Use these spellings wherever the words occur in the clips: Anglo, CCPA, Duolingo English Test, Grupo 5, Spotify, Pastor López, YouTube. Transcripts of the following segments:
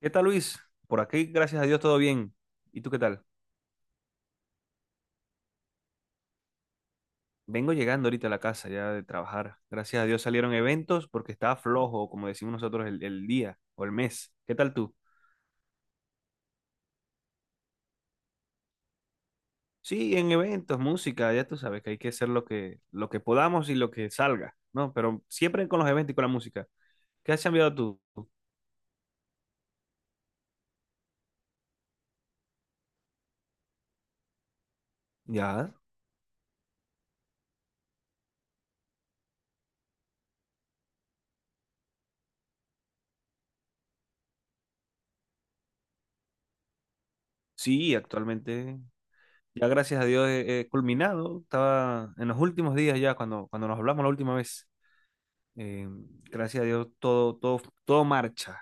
¿Qué tal, Luis? Por aquí, gracias a Dios, todo bien. ¿Y tú qué tal? Vengo llegando ahorita a la casa ya de trabajar. Gracias a Dios salieron eventos porque estaba flojo, como decimos nosotros, el día o el mes. ¿Qué tal tú? Sí, en eventos, música, ya tú sabes que hay que hacer lo que podamos y lo que salga, ¿no? Pero siempre con los eventos y con la música. ¿Qué has cambiado tú? Ya. Sí, actualmente, ya gracias a Dios he culminado. Estaba en los últimos días ya, cuando nos hablamos la última vez. Eh, Gracias a Dios, todo, todo, todo marcha.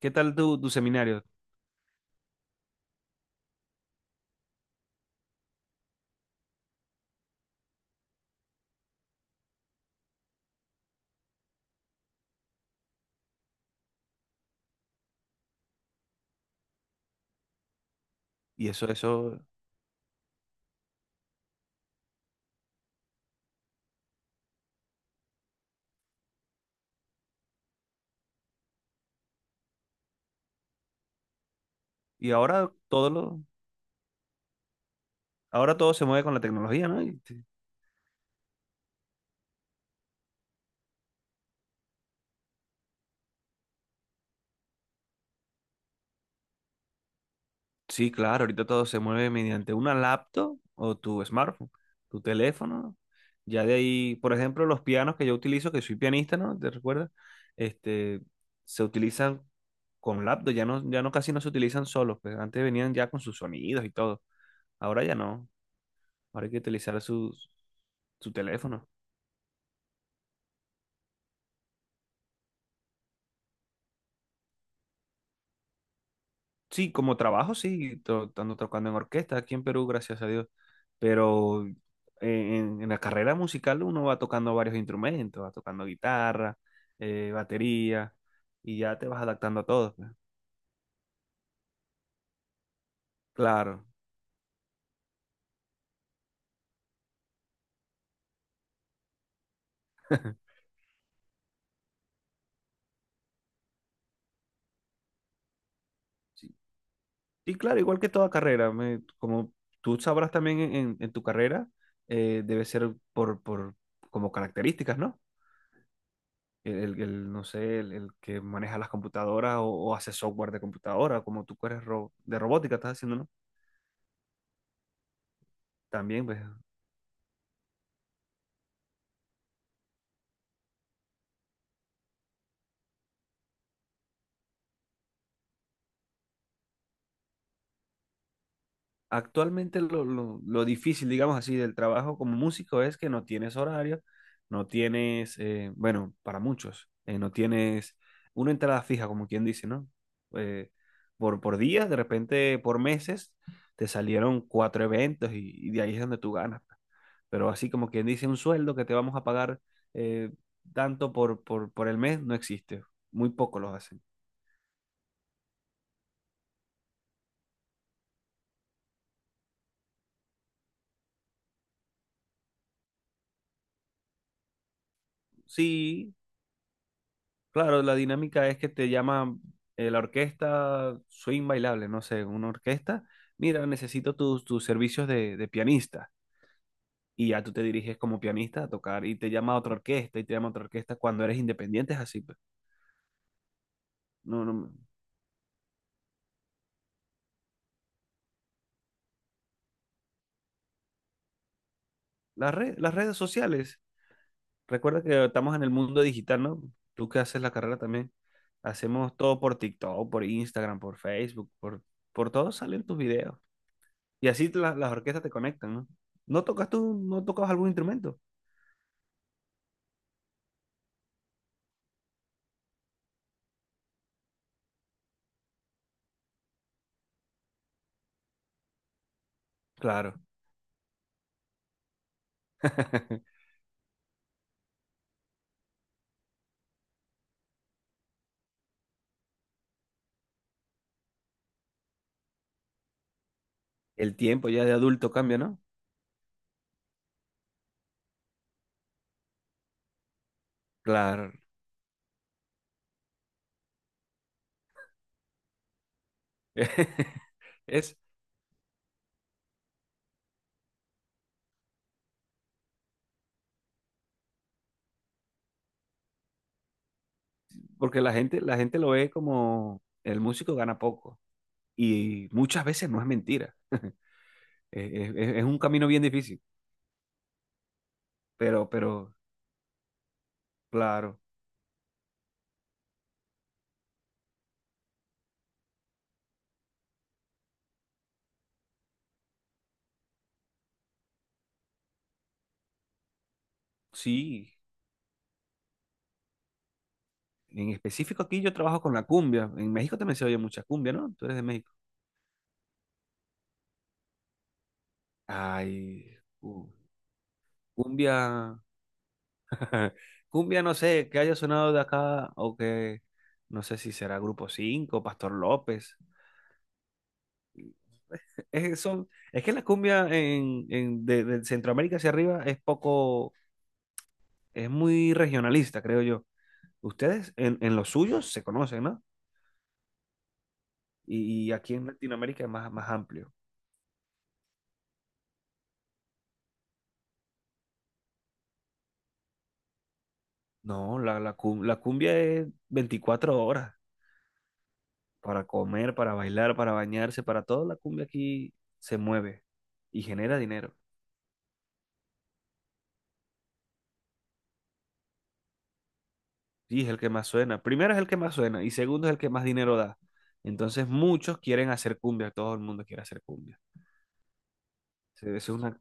¿Qué tal tu seminario? Y eso, eso, y ahora todo lo, ahora todo se mueve con la tecnología, ¿no? Sí, claro, ahorita todo se mueve mediante una laptop o tu smartphone, tu teléfono. Ya de ahí, por ejemplo, los pianos que yo utilizo, que soy pianista, ¿no? ¿Te recuerdas? Este, se utilizan con laptop, ya no casi no se utilizan solos, pues antes venían ya con sus sonidos y todo. Ahora ya no, ahora hay que utilizar su teléfono. Sí, como trabajo, sí, ando tocando en orquesta aquí en Perú, gracias a Dios. Pero en la carrera musical uno va tocando varios instrumentos, va tocando guitarra, batería, y ya te vas adaptando a todo, pues. Claro. Sí. Y claro, igual que toda carrera, como tú sabrás también en tu carrera, debe ser por como características, ¿no? El, no sé, el que maneja las computadoras o hace software de computadora, como tú que eres de robótica, estás haciendo, ¿no? También, pues, actualmente lo difícil, digamos así, del trabajo como músico es que no tienes horario, no tienes, bueno, para muchos, no tienes una entrada fija, como quien dice, ¿no? Eh, por días, de repente por meses, te salieron cuatro eventos y de ahí es donde tú ganas, pues. Pero así como quien dice, un sueldo que te vamos a pagar eh, tanto por el mes, no existe. Muy poco los hacen. Sí, claro, la dinámica es que te llama la orquesta swing bailable, no sé, una orquesta. Mira, necesito tus servicios de pianista. Y ya tú te diriges como pianista a tocar y te llama otra orquesta y te llama otra orquesta cuando eres independiente, es así, pues. No, no. Las redes sociales, recuerda que estamos en el mundo digital, ¿no? Tú que haces la carrera también. Hacemos todo por TikTok, por Instagram, por Facebook, por todo salen tus videos. Y así las orquestas te conectan, ¿no? ¿No tocas tú, no tocas algún instrumento? Claro. El tiempo ya de adulto cambia, ¿no? Claro. Es porque la gente lo ve como el músico gana poco y muchas veces no es mentira. Es un camino bien difícil, pero, claro, sí. En específico aquí yo trabajo con la cumbia. En México también se oye mucha cumbia, ¿no? Tú eres de México. Ay, cumbia, cumbia no sé, que haya sonado de acá o que no sé si será Grupo 5, Pastor López. Es que la cumbia de Centroamérica hacia arriba es poco, es muy regionalista, creo yo. Ustedes en los suyos se conocen, ¿no? Y aquí en Latinoamérica es más, más amplio. No, la cumbia es 24 horas para comer, para bailar, para bañarse, para todo. La cumbia aquí se mueve y genera dinero. Sí, es el que más suena. Primero es el que más suena y segundo es el que más dinero da. Entonces muchos quieren hacer cumbia, todo el mundo quiere hacer cumbia. Es una.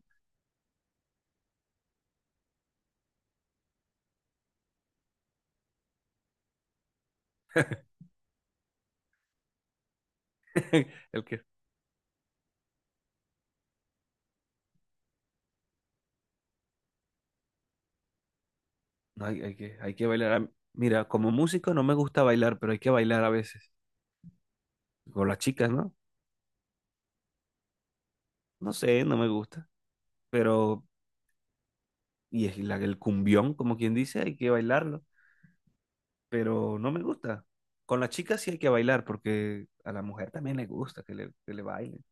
El que, no, hay que bailar. Ah, mira, como músico no me gusta bailar, pero hay que bailar a veces. Con las chicas, ¿no? No sé, no me gusta. Pero, y es el cumbión, como quien dice, hay que bailarlo. Pero no me gusta. Con las chicas sí hay que bailar, porque a la mujer también le gusta que le bailen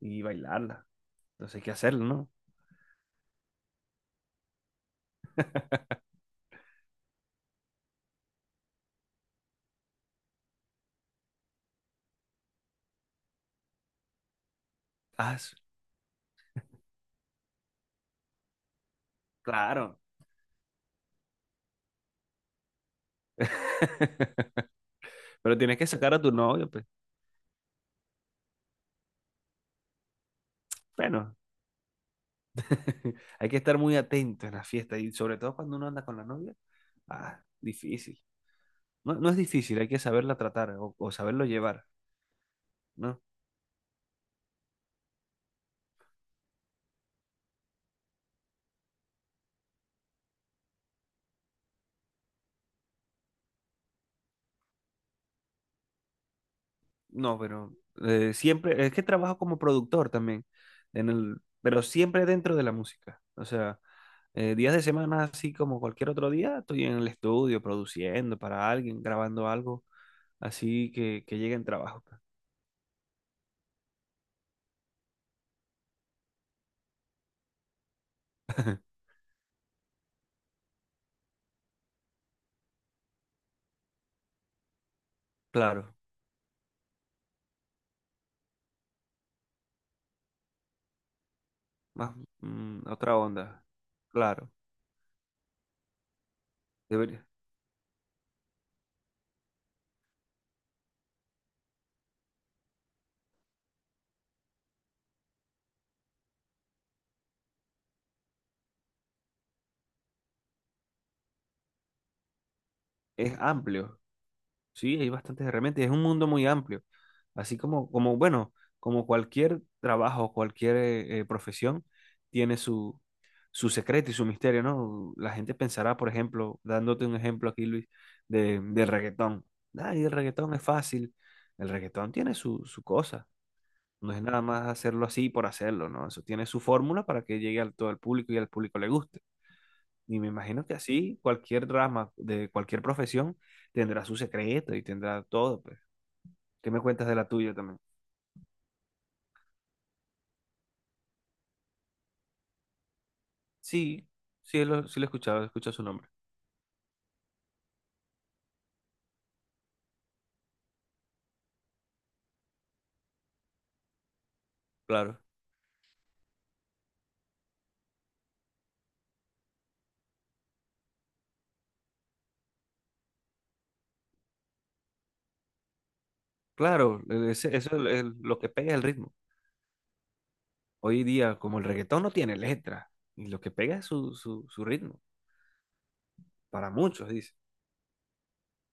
y bailarla. Entonces hay que hacerlo, ¿no? Ah, claro. Pero tienes que sacar a tu novio, pues. Bueno, hay que estar muy atento en la fiesta y sobre todo cuando uno anda con la novia. Ah, difícil. No, no es difícil, hay que saberla tratar o saberlo llevar, ¿no? No, pero siempre, es que trabajo como productor también, pero siempre dentro de la música. O sea, días de semana, así como cualquier otro día, estoy en el estudio produciendo para alguien, grabando algo, así que llegue en trabajo, pues. Claro, más otra onda, claro, debería. Es amplio, sí, hay bastantes herramientas, es un mundo muy amplio. Así como bueno, como cualquier trabajo, cualquier profesión tiene su secreto y su misterio, ¿no? La gente pensará, por ejemplo, dándote un ejemplo aquí, Luis, del reggaetón. Ay, el reggaetón es fácil. El reggaetón tiene su cosa. No es nada más hacerlo así por hacerlo, ¿no? Eso tiene su fórmula para que llegue a todo el público y al público le guste. Y me imagino que así cualquier rama de cualquier profesión tendrá su secreto y tendrá todo, pues. ¿Qué me cuentas de la tuya también? Sí, sí lo he escuchado su nombre. Claro, claro, lo que pega es el ritmo. Hoy día, como el reggaetón no tiene letra, y lo que pega es su ritmo, para muchos, dice.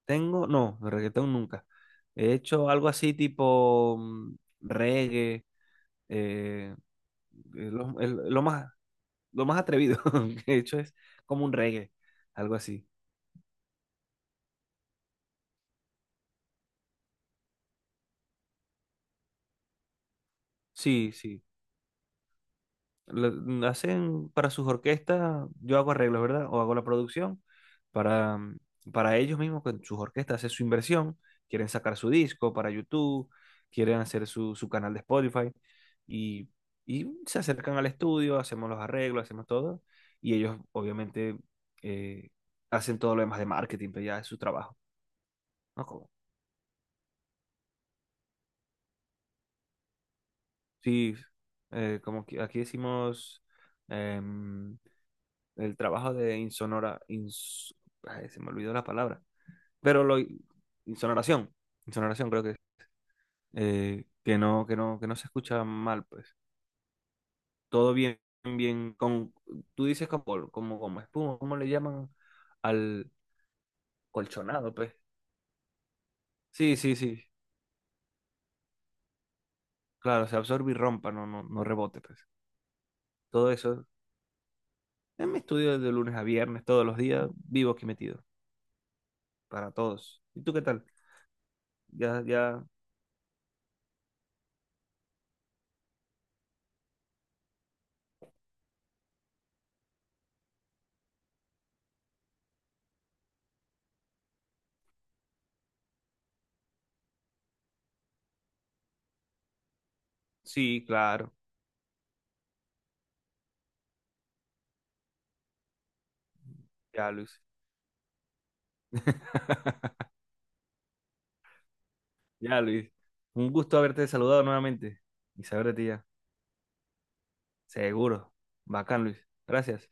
Tengo, no, de reggaetón nunca. He hecho algo así tipo reggae, eh, eh, lo, el- lo más, lo más atrevido que he hecho es como un reggae, algo así. Sí, sí. Hacen para sus orquestas, yo hago arreglos, ¿verdad? O hago la producción para, para ellos mismos, con sus orquestas, hacen su inversión, quieren sacar su disco para YouTube, quieren hacer su canal de Spotify y, y se acercan al estudio, hacemos los arreglos, hacemos todo y ellos obviamente eh, hacen todo lo demás de marketing, pero ya es su trabajo, ¿no? Sí, como que aquí decimos, em, el trabajo de insonora, ay, se me olvidó la palabra, pero insonoración, insonoración creo que es, que no se escucha mal, pues, todo bien, bien, con, tú dices como, como espuma, ¿cómo le llaman al colchonado, pues? Sí, sí, sí, claro, se absorbe y rompa, no rebote, pues, todo eso, en mi estudio de lunes a viernes, todos los días, vivo aquí metido, para todos, ¿y tú qué tal? Ya, ya, sí, claro, ya, Luis. Ya, Luis. Un gusto haberte saludado nuevamente y saber de ti ya. Seguro. Bacán, Luis. Gracias.